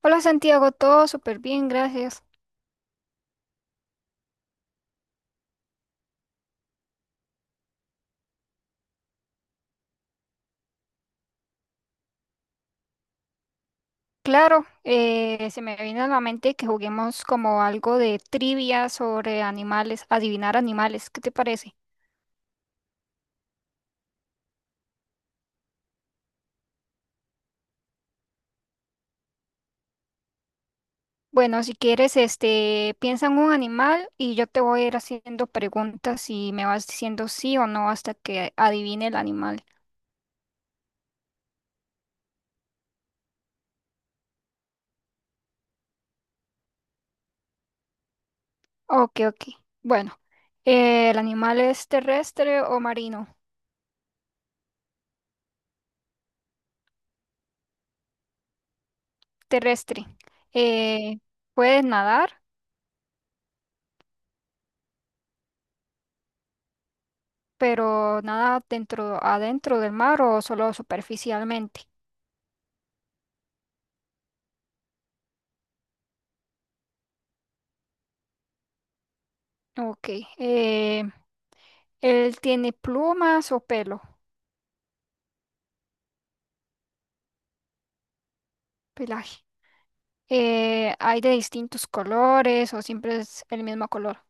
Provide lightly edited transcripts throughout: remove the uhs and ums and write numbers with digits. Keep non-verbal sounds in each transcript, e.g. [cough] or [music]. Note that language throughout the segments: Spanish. Hola Santiago, todo súper bien, gracias. Claro, se me vino a la mente que juguemos como algo de trivia sobre animales, adivinar animales, ¿qué te parece? Bueno, si quieres, piensa en un animal y yo te voy a ir haciendo preguntas y me vas diciendo sí o no hasta que adivine el animal. Ok, ok. Bueno, ¿el animal es terrestre o marino? Terrestre. Eh, ¿Puede nadar? Pero nada dentro, adentro del mar o solo superficialmente. Ok. eh, ¿él tiene plumas o pelo? Pelaje. ¿Hay de distintos colores o siempre es el mismo color?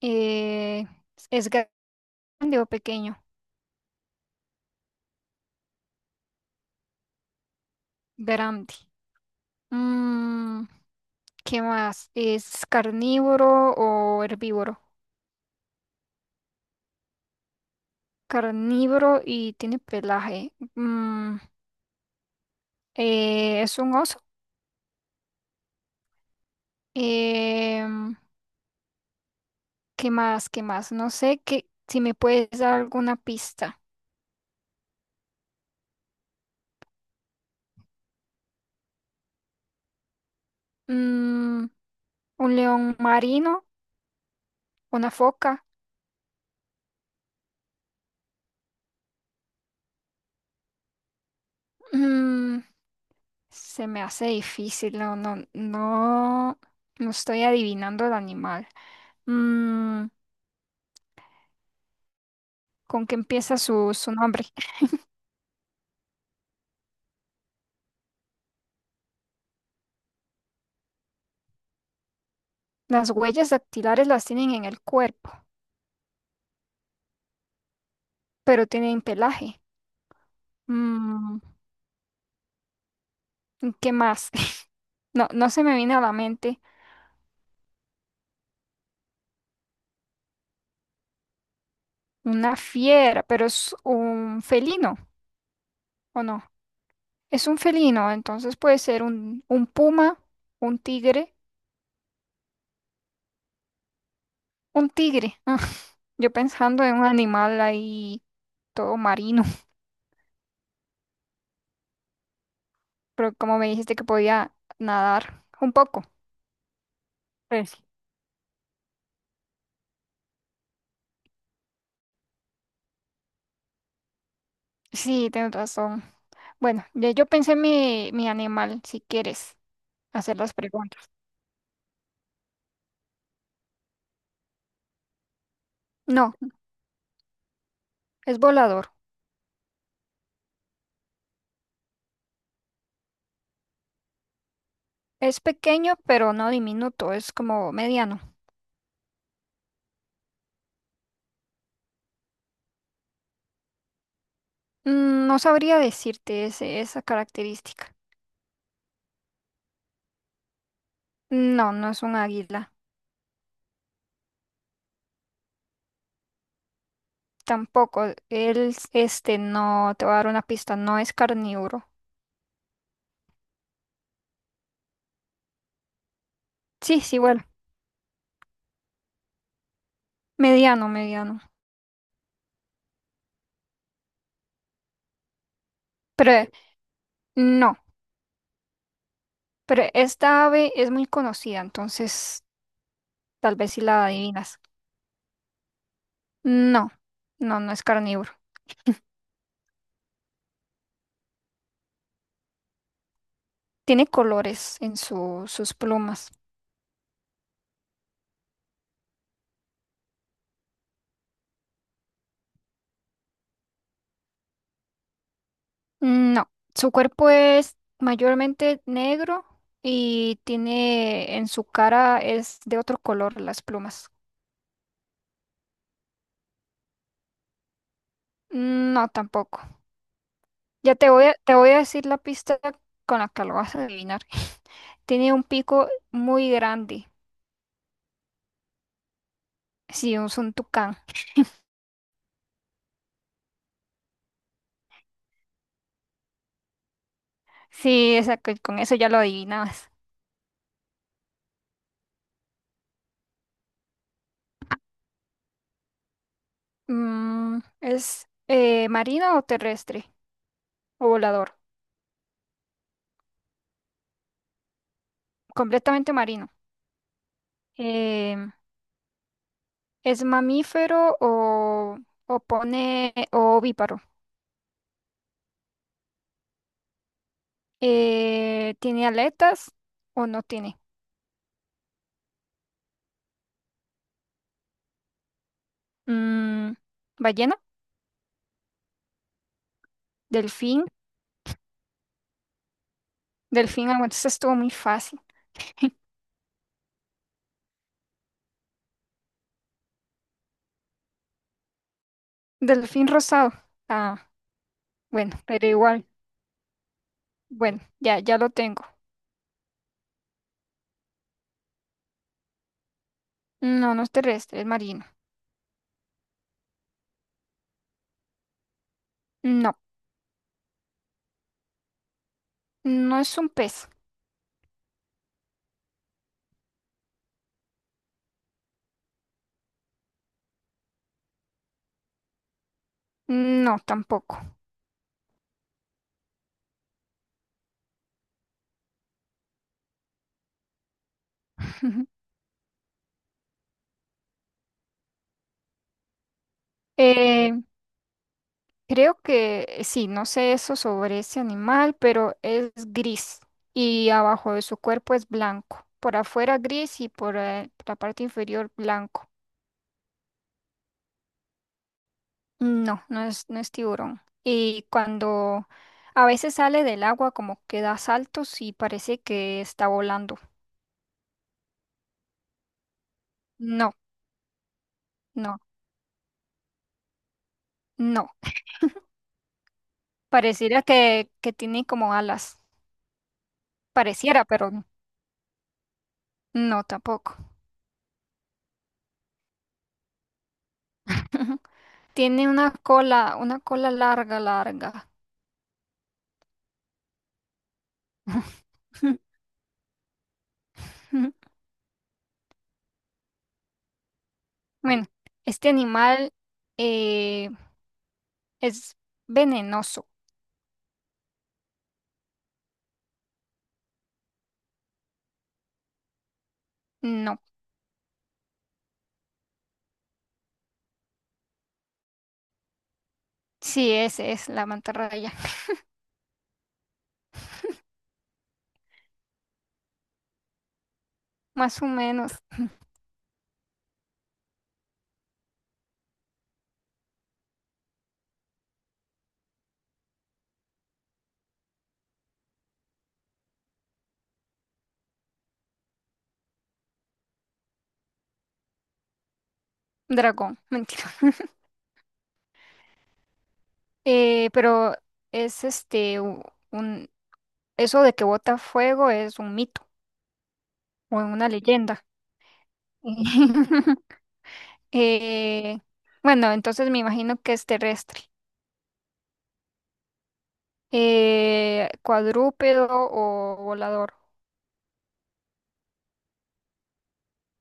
Eh, ¿Es grande o pequeño? Grande. Mm, ¿qué más? ¿Es carnívoro o herbívoro? Carnívoro y tiene pelaje. Mm, ¿es un oso? Em, ¿Qué más? ¿Qué más? No sé qué, si me puedes dar alguna pista. Mm, un león marino, una foca. Mm, se me hace difícil, no estoy adivinando el animal. Mm, ¿con qué empieza su nombre? [laughs] Las huellas dactilares las tienen en el cuerpo, pero tienen pelaje. Mm, ¿qué más? [laughs] No, no se me viene a la mente una fiera, pero es un felino, ¿o no? Es un felino, entonces puede ser un puma, un tigre, un tigre. [laughs] Ah, yo pensando en un animal ahí todo marino, [laughs] pero como me dijiste que podía nadar un poco. Pues sí. Sí, tienes razón. Bueno, ya yo pensé mi animal, si quieres hacer las preguntas. No, es volador. Es pequeño, pero no diminuto, es como mediano. No sabría decirte esa característica. No, no es un águila. Tampoco, él, no, te voy a dar una pista, no es carnívoro. Sí, sí, bueno, mediano, mediano. Pero no, pero esta ave es muy conocida, entonces tal vez si la adivinas. No, no, no es carnívoro. Tiene colores en sus plumas. No, su cuerpo es mayormente negro y tiene en su cara es de otro color las plumas. No, tampoco. Ya te voy a decir la pista con la que lo vas a adivinar. [laughs] Tiene un pico muy grande. Sí, es un tucán. Sí, esa, con eso ya lo adivinabas. Mm, ¿es marino o terrestre? ¿O volador? Completamente marino. Em, ¿Es mamífero o pone o ovíparo? ¿Tiene aletas o no tiene? Mm, ¿ballena? ¿Delfín? Delfín, ah, bueno, eso estuvo muy fácil. Delfín rosado. Ah, bueno, pero igual. Bueno, ya, ya lo tengo. No, no es terrestre, es marino. No, no es un pez. No, tampoco. [laughs] Eh, creo que sí, no sé eso sobre ese animal, pero es gris y abajo de su cuerpo es blanco. Por afuera gris y por la parte inferior blanco. No, no es, no es tiburón. Y cuando a veces sale del agua como que da saltos y parece que está volando. No, no, no. Pareciera que tiene como alas. Pareciera, pero no tampoco. [laughs] Tiene una cola larga, larga. [laughs] Bueno, este animal eh, es venenoso. No, sí, ese es la mantarraya. [laughs] Más o menos dragón, mentira. [laughs] Pero es un eso de que bota fuego es un mito o una leyenda. [laughs] Eh, bueno, entonces me imagino que es terrestre. Cuadrúpedo o volador.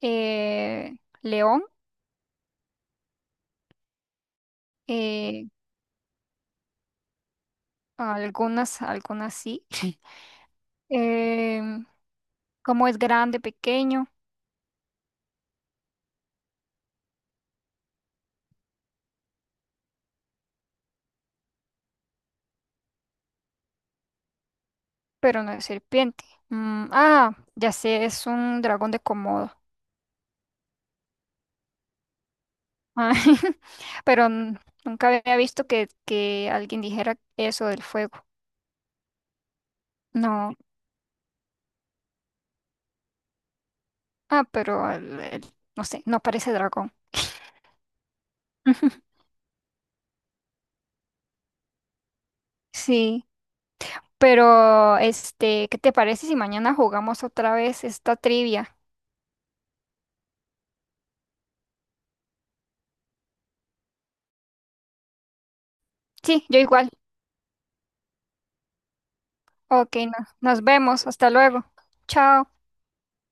Eh, león, eh, algunas, algunas sí. [laughs] Em, como es grande, pequeño, pero no es serpiente. Mm, ah, ya sé, es un dragón de Komodo. Ah, [laughs] pero nunca había visto que alguien dijera eso del fuego. No. Ah, pero no sé, no parece dragón. [laughs] Sí, pero este, ¿qué te parece si mañana jugamos otra vez esta trivia? Sí, yo igual. Ok, nos vemos. Hasta luego. Chao.